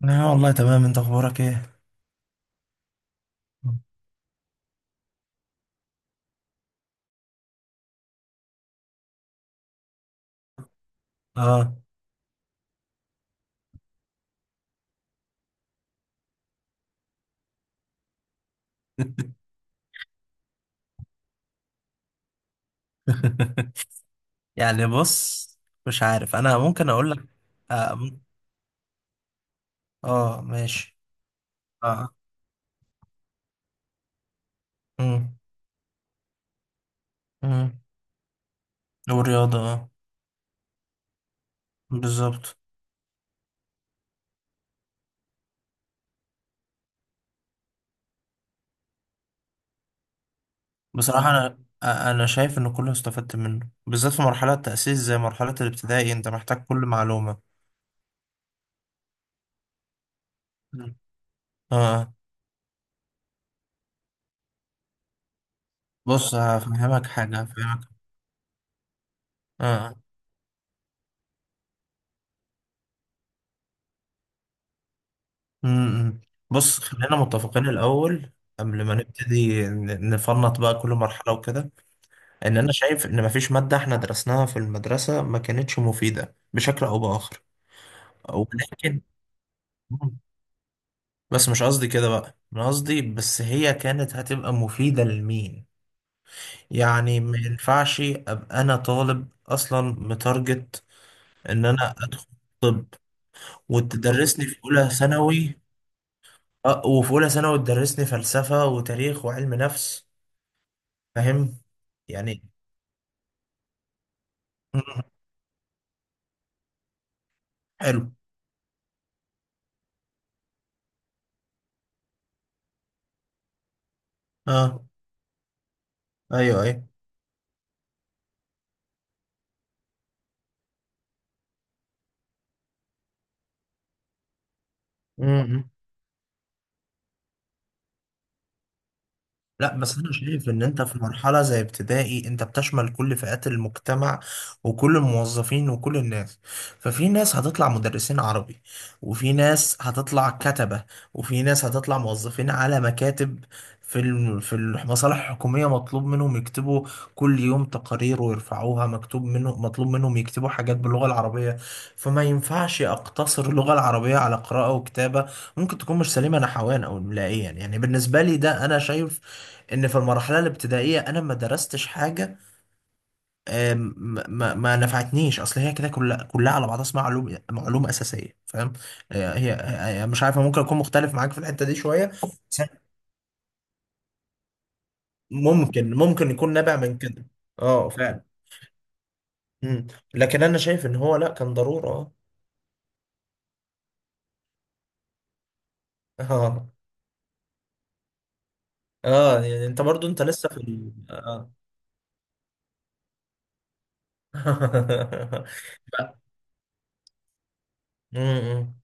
لا والله تمام، انت اخبارك ايه؟ اه. يعني بص، مش عارف، انا ممكن اقول لك. اه, م- آه ماشي. اه. امم. امم. والرياضه اه. بالظبط. بصراحه انا انا شايف ان كله استفدت منه، بالذات في مرحله التاسيس، زي مرحله الابتدائي انت محتاج كل معلومه. مم. اه بص هفهمك حاجه هفهمك. اه. امم. بص خلينا متفقين الاول، قبل ما نبتدي نفنط بقى كل مرحله وكده، ان انا شايف ان مفيش مادة احنا درسناها في المدرسة ما كانتش مفيدة بشكل او باخر. ولكن، بس مش قصدي كده بقى، انا قصدي بس هي كانت هتبقى مفيدة لمين. يعني ما ينفعش ابقى انا طالب اصلا متارجت ان انا ادخل طب وتدرسني في اولى ثانوي، اه، وفي اولى ثانوي تدرسني فلسفة وتاريخ وعلم نفس، فاهم؟ يعني حلو. اه. ايوه ايوه. لا بس انا شايف ان انت في مرحلة زي ابتدائي انت بتشمل كل فئات المجتمع، وكل الموظفين وكل الناس. ففي ناس هتطلع مدرسين عربي، وفي ناس هتطلع كتبة، وفي ناس هتطلع موظفين على مكاتب في في المصالح الحكومية مطلوب منهم يكتبوا كل يوم تقارير ويرفعوها، مكتوب منهم، مطلوب منهم يكتبوا حاجات باللغة العربية. فما ينفعش أقتصر اللغة العربية على قراءة وكتابة، ممكن تكون مش سليمة نحويا أو إملائيا. يعني يعني بالنسبة لي ده، أنا شايف ان في المرحله الابتدائيه انا ما درستش حاجه آم، ما, ما ما نفعتنيش، اصل هي كده كلها كلها على بعضها اسمها علوم، معلومه اساسيه، فاهم؟ هي مش عارفه، ممكن اكون مختلف معاك في الحته دي شويه بس. ممكن يكون نابع من كده. اه فعلا. مم. لكن انا شايف ان هو لا، كان ضروره. اه اه، اه يعني انت برضو انت لسه في اه ف- مم.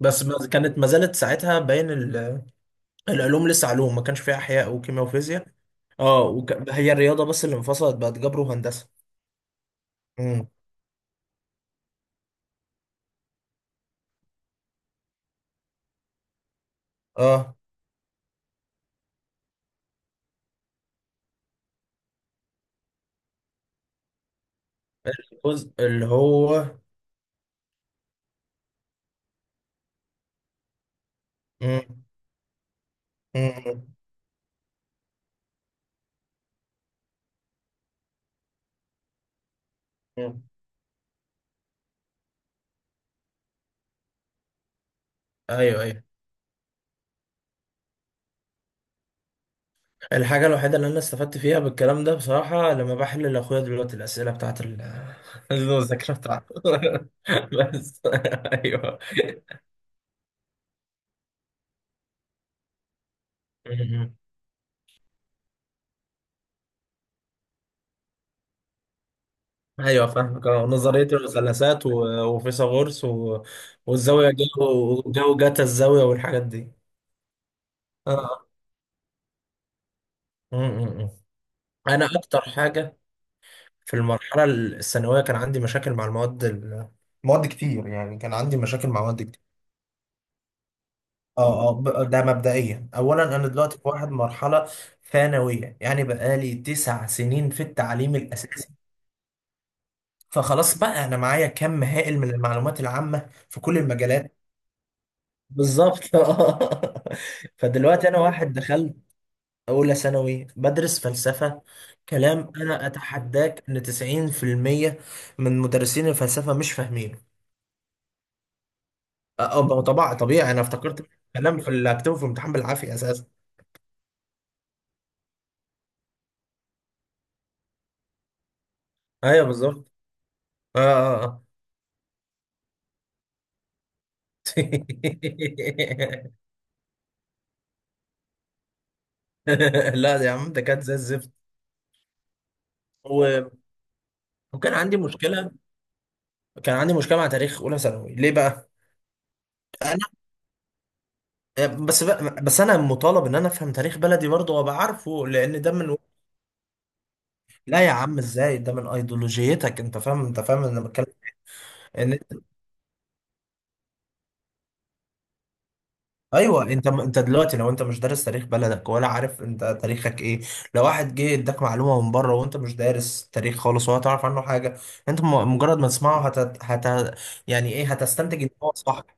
بس ما كانت، ما زالت ساعتها باين العلوم لسه علوم، ما كانش فيها احياء وكيمياء وفيزياء. اه هي الرياضة بس اللي انفصلت بقت جبر وهندسة. امم. اه الجزء اللي هو. امم. امم. امم. ايوه ايوه. الحاجة الوحيدة اللي انا استفدت فيها بالكلام ده، بصراحة، لما بحل لاخويا دلوقتي الأسئلة بتاعت المذاكرة بتاعته. بس ايوه. مم. ايوه فاهمك، اه، نظرية المثلثات وفيثاغورس والزاوية، جو جو جاتا الزاوية والحاجات دي. اه. مم. مم. مم. انا اكتر حاجة في المرحلة الثانوية كان عندي مشاكل مع المواد مواد كتير، يعني كان عندي مشاكل مع مواد كتير. اه اه ده مبدئيا، اولا انا دلوقتي في واحد مرحلة ثانوية، يعني بقالي تسع سنين في التعليم الاساسي، فخلاص بقى انا معايا كم هائل من المعلومات العامة في كل المجالات. بالظبط. آه. فدلوقتي انا واحد دخلت اولى ثانوي بدرس فلسفة، كلام انا اتحداك ان 90% من مدرسين الفلسفة مش فاهمين. اه، ما هو طبعا طبيعي، انا افتكرت كلام في اللي هكتبه في امتحان بالعافيه اساسا. ايوه بالظبط. اه اه آه. لا يا عم ده كانت زي الزفت. و... وكان عندي مشكله، مع تاريخ اولى ثانوي، ليه بقى؟ انا بس بقى، بس انا مطالب ان انا افهم تاريخ بلدي برضه وابقى عارفه، لان ده من. لا يا عم، ازاي؟ ده من ايديولوجيتك، انت فاهم، انت فاهم انا بتكلم ان. ايوه. انت انت دلوقتي لو انت مش دارس تاريخ بلدك ولا عارف انت تاريخك ايه، لو واحد جه اداك معلومه من بره وانت مش دارس تاريخ خالص ولا تعرف عنه حاجه، انت مجرد ما تسمعه هت... يعني ايه، هتستنتج ان هو صح. اه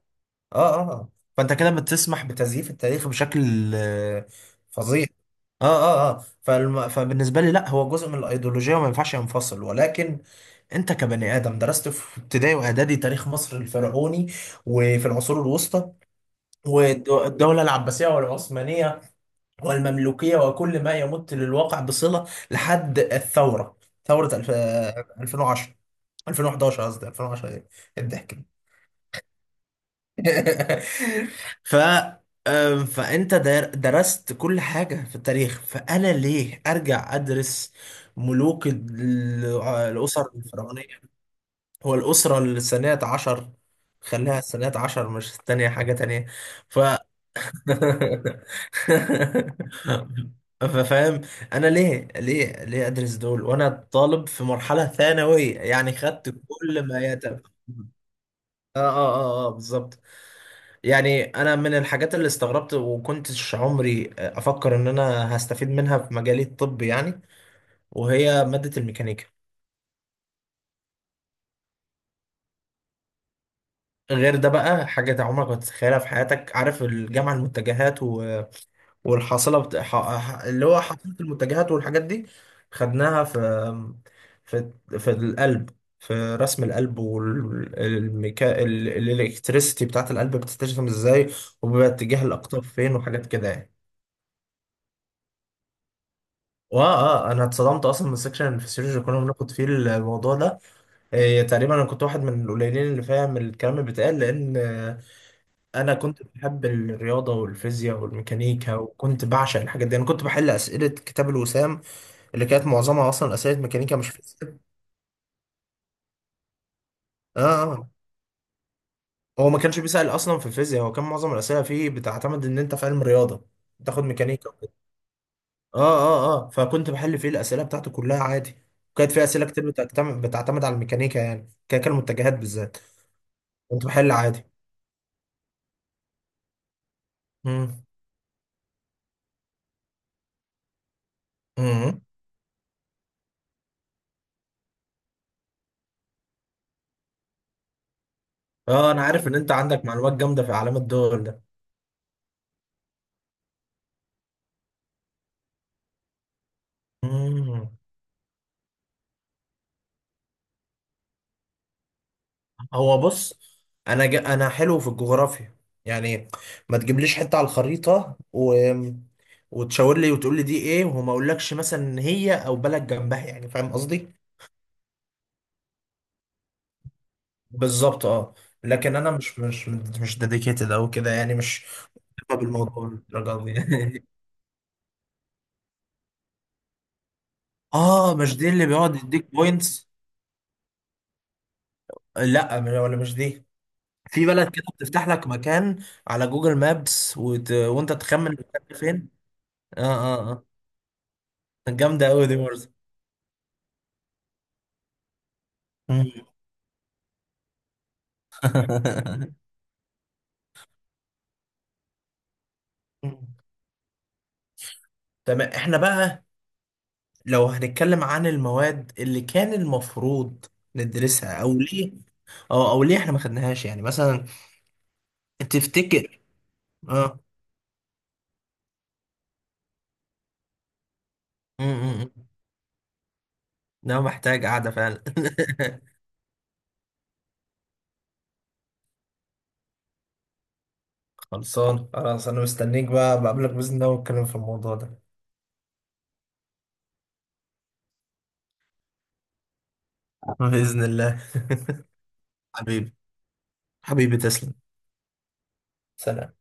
اه اه. فانت كده بتسمح بتزييف التاريخ بشكل فظيع. اه اه اه فبالنسبه لي، لا، هو جزء من الايديولوجيه وما ينفعش ينفصل. ولكن انت كبني ادم درست في ابتدائي واعدادي تاريخ مصر الفرعوني، وفي العصور الوسطى، والدولة العباسية والعثمانية والمملوكية، وكل ما يمت للواقع بصلة لحد الثورة، ثورة 2010، 2011، قصدي 2010، ايه الضحك. ده. ف فانت درست كل حاجة في التاريخ، فانا ليه ارجع ادرس ملوك الاسر الفرعونية؟ هو الاسرة الثانية عشر، خليها الثانية عشر مش الثانية، حاجة تانية. ف فاهم، انا ليه ادرس دول وانا طالب في مرحله ثانويه يعني، خدت كل ما يتم. اه اه اه اه بالظبط. يعني انا من الحاجات اللي استغربت وكنتش عمري افكر ان انا هستفيد منها في مجالي الطب يعني، وهي ماده الميكانيكا. غير ده بقى، حاجه عمرك ما تتخيلها في حياتك، عارف الجامعه المتجهات والحاصله اللي هو حاصله المنتجات والحاجات دي، خدناها في في في القلب، في رسم القلب، والميكا الالكتريسيتي بتاعت القلب بتترسم ازاي، وبيبقى اتجاه الاقطاب فين، وحاجات كده يعني. واه اه، انا اتصدمت اصلا من السكشن الفسيولوجي كنا بناخد فيه الموضوع ده. إيه تقريبا انا كنت واحد من القليلين اللي فاهم الكلام اللي بيتقال، لان انا كنت بحب الرياضه والفيزياء والميكانيكا، وكنت بعشق الحاجات دي، انا كنت بحل اسئله كتاب الوسام، اللي كانت معظمها اصلا اسئله ميكانيكا مش فيزياء. اه آه. هو ما كانش بيسال اصلا في الفيزياء، هو كان معظم الاسئله فيه بتعتمد ان انت في علم رياضه تاخد ميكانيكا وكده. اه اه اه. فكنت بحل فيه الاسئله بتاعته كلها عادي، وكانت فيه اسئله كتير بتعتمد على الميكانيكا، يعني كان المتجهات بالذات، كنت بحل عادي. امم. امم. اه انا عارف ان انت عندك معلومات جامده في اعلام الدول. ده هو بص، انا انا حلو في الجغرافيا يعني، ما تجيبليش حته على الخريطه وتشاور لي وتقول لي دي ايه، وما اقولكش مثلا إن هي او بلد جنبها، يعني فاهم قصدي. بالظبط اه. لكن انا مش مش ديديكيتد او كده يعني، مش بفهم بالموضوع للدرجه دي. اه، مش دي اللي بيقعد يديك بوينتس؟ لا ولا مش دي، في بلد كده بتفتح لك مكان على جوجل مابس وانت تخمن المكان ده فين. اه اه اه، جامده قوي دي برضه. مم. تمام، احنا بقى لو هنتكلم عن المواد اللي كان المفروض ندرسها، او ليه، او او ليه احنا ما خدناهاش، يعني مثلا، تفتكر؟ اه. مم، مم، مم. ده محتاج قعدة فعلا. خلصان خلاص، انا مستنيك بقى، بقابلك باذن الله ونتكلم في الموضوع ده. بإذن الله. حبيبي، حبيبي تسلم. سلام.